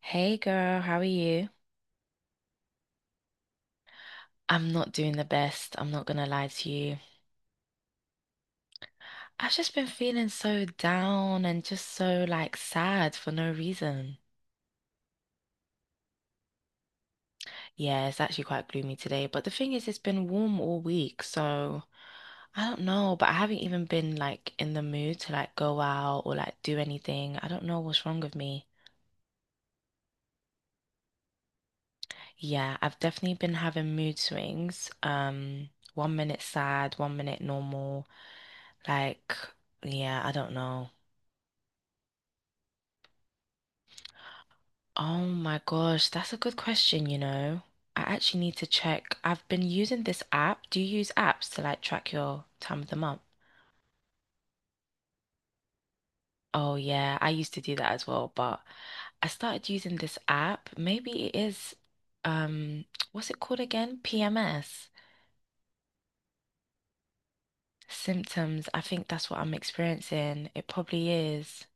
Hey girl, how are you? I'm not doing the best. I'm not gonna lie to you. I've just been feeling so down and just so like sad for no reason. Yeah, it's actually quite gloomy today, but the thing is, it's been warm all week, so I don't know, but I haven't even been like in the mood to like go out or like do anything. I don't know what's wrong with me. Yeah, I've definitely been having mood swings. One minute sad, one minute normal. Like, yeah, I don't know. Oh my gosh, that's a good question. I actually need to check. I've been using this app. Do you use apps to like track your time of the month? Oh yeah, I used to do that as well, but I started using this app. Maybe it is um what's it called again? PMS. Symptoms. I think that's what I'm experiencing. It probably is.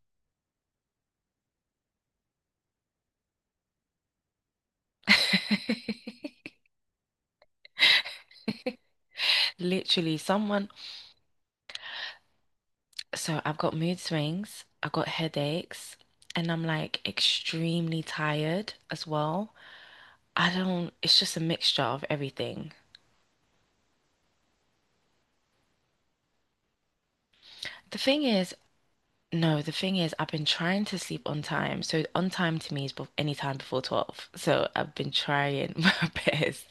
Literally, someone. So I've got mood swings, I've got headaches, and I'm like extremely tired as well. I don't, it's just a mixture of everything. The thing is, no, the thing is, I've been trying to sleep on time. So on time to me is any time before 12. So I've been trying my best,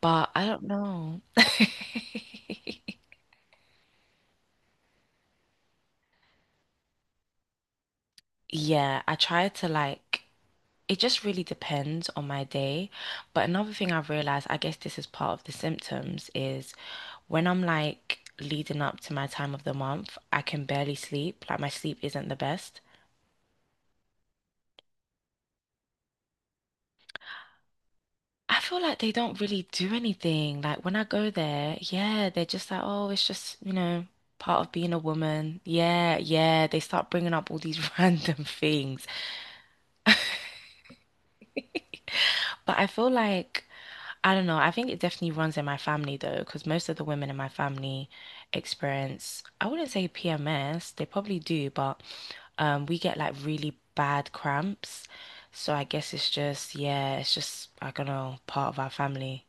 but I don't know. Yeah, I try to like it just really depends on my day. But another thing I've realized, I guess this is part of the symptoms, is when I'm like leading up to my time of the month, I can barely sleep. Like my sleep isn't the best. I feel like they don't really do anything. Like when I go there, yeah, they're just like, oh, it's just, part of being a woman. Yeah, yeah. They start bringing up all these random things. But I feel like I don't know. I think it definitely runs in my family though, because most of the women in my family experience, I wouldn't say PMS, they probably do, but we get like really bad cramps. So I guess it's just, yeah, it's just, I don't know, part of our family.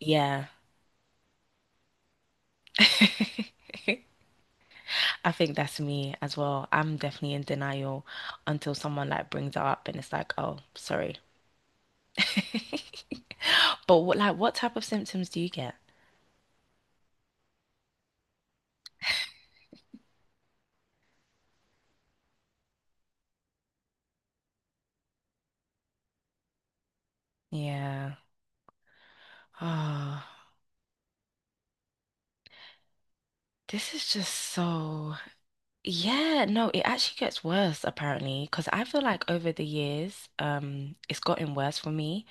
Yeah. I think that's me as well. I'm definitely in denial until someone like brings it up and it's like, oh, sorry. But what, like, what type of symptoms do you get? Yeah. This is just so, yeah, no, it actually gets worse apparently because I feel like over the years, it's gotten worse for me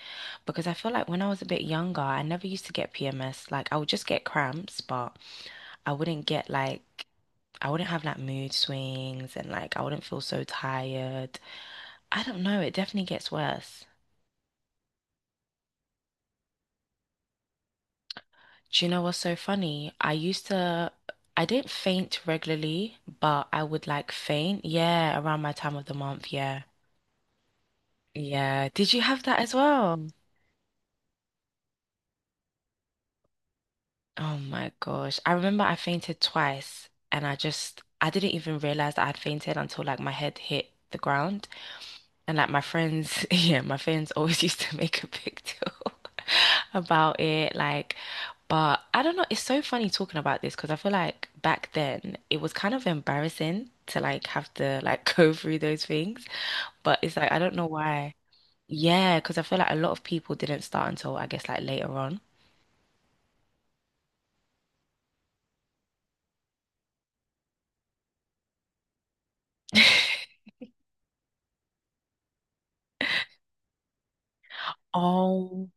because I feel like when I was a bit younger, I never used to get PMS. Like I would just get cramps, but I wouldn't get like I wouldn't have like mood swings and like I wouldn't feel so tired. I don't know, it definitely gets worse. Do you know what's so funny? I used to I didn't faint regularly, but I would like faint, yeah, around my time of the month, yeah. Yeah. Did you have that as well? Oh my gosh. I remember I fainted twice and I just I didn't even realize that I would fainted until like my head hit the ground. And like my friends, yeah, my friends always used to make a big deal about it. Like, but I don't know, it's so funny talking about this because I feel like back then it was kind of embarrassing to like have to like go through those things. But it's like I don't know why. Yeah, because I feel like a lot of people didn't start until I guess like later on. Oh,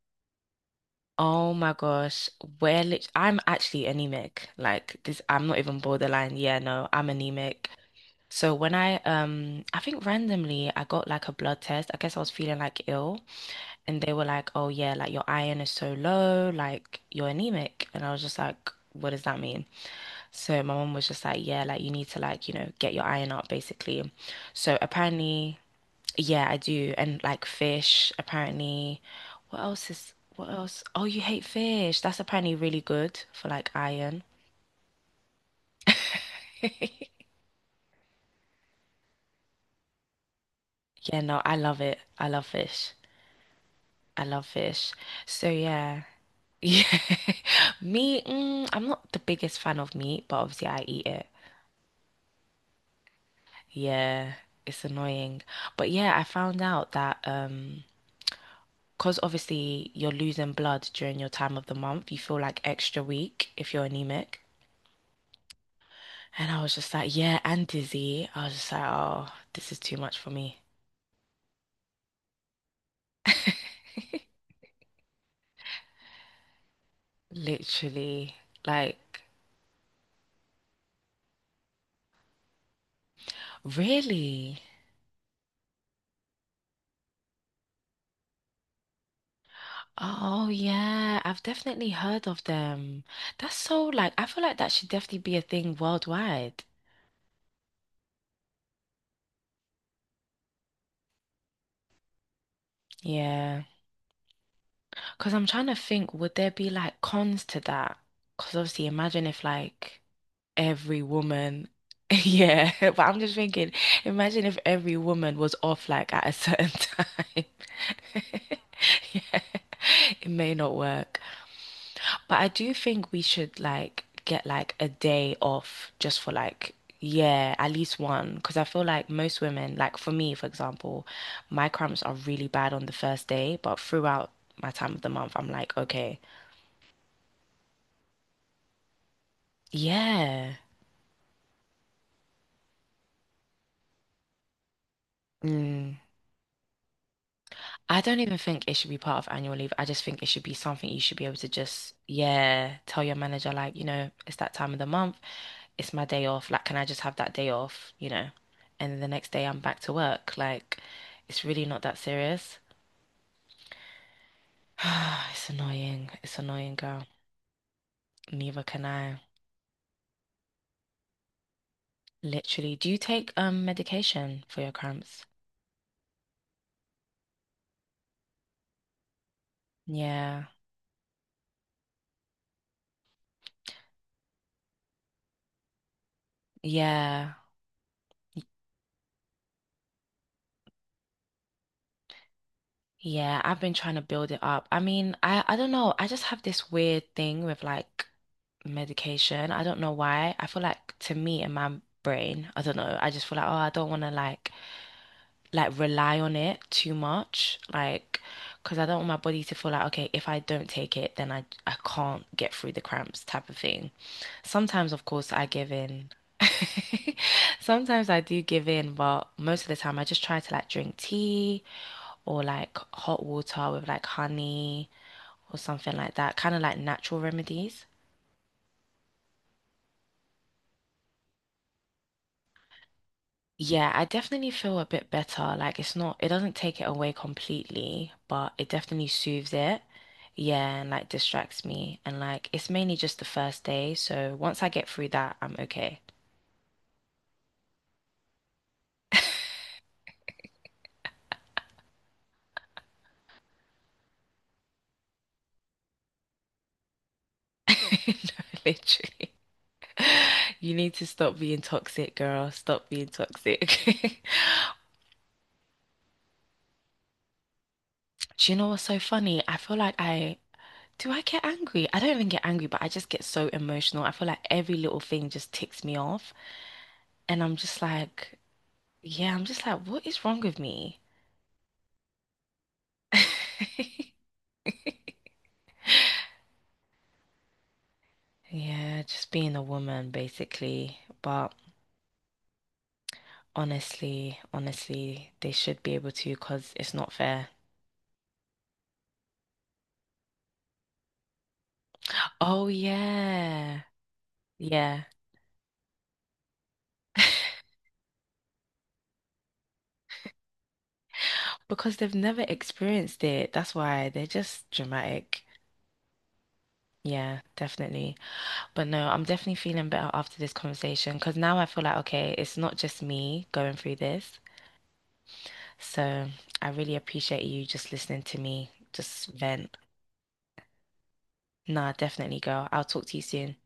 oh my gosh. We're lit I'm actually anemic. Like this, I'm not even borderline. Yeah, no, I'm anemic. So when I think randomly I got like a blood test. I guess I was feeling like ill and they were like, "Oh yeah, like your iron is so low, like you're anemic." And I was just like, "What does that mean?" So my mom was just like, "Yeah, like you need to like, get your iron up basically." So apparently yeah, I do. And like fish, apparently. What else is what else? Oh, you hate fish. That's apparently really good for like iron. Yeah, no, I love it. I love fish. I love fish. So yeah. Yeah. Meat, mm, I'm not the biggest fan of meat, but obviously I eat it. Yeah, it's annoying. But yeah, I found out that cause obviously you're losing blood during your time of the month, you feel like extra weak if you're anemic. And I was just like, yeah, and dizzy. I was just like, oh, this is too much for me. Literally. Like, really? Oh, yeah. I've definitely heard of them. That's so, like, I feel like that should definitely be a thing worldwide. Yeah. Because I'm trying to think, would there be like cons to that? Because obviously, imagine if like every woman, yeah, but I'm just thinking, imagine if every woman was off like at a certain time. Yeah, it may not work. But I do think we should like get like a day off just for like, yeah, at least one. Because I feel like most women, like for me, for example, my cramps are really bad on the first day, but throughout my time of the month, I'm like, okay, yeah. Mm. I don't even think it should be part of annual leave. I just think it should be something you should be able to just, yeah, tell your manager, like, it's that time of the month. It's my day off. Like, can I just have that day off? And then the next day I'm back to work. Like, it's really not that serious. It's annoying. It's annoying, girl. Neither can I. Literally. Do you take medication for your cramps? Yeah. Yeah. Yeah, I've been trying to build it up. I mean, I don't know. I just have this weird thing with like medication. I don't know why. I feel like to me in my brain, I don't know. I just feel like, oh, I don't want to like rely on it too much, like because I don't want my body to feel like, okay, if I don't take it, then I can't get through the cramps type of thing. Sometimes, of course, I give in. Sometimes I do give in, but most of the time I just try to like drink tea or like hot water with like honey or something like that, kind of like natural remedies. Yeah, I definitely feel a bit better. Like it's not, it doesn't take it away completely, but it definitely soothes it. Yeah, and like distracts me. And like it's mainly just the first day. So once I get through that, I'm okay. No, literally. You need to stop being toxic, girl. Stop being toxic. Do you know what's so funny? I feel like I do I get angry? I don't even get angry, but I just get so emotional. I feel like every little thing just ticks me off. And I'm just like, yeah, I'm just like, what is wrong with me? Yeah, just being a woman basically. But honestly, honestly, they should be able to because it's not fair. Oh, yeah. Yeah. Because they've never experienced it. That's why they're just dramatic. Yeah, definitely. But no, I'm definitely feeling better after this conversation because now I feel like, okay, it's not just me going through this. So I really appreciate you just listening to me just vent. Nah, definitely, girl. I'll talk to you soon.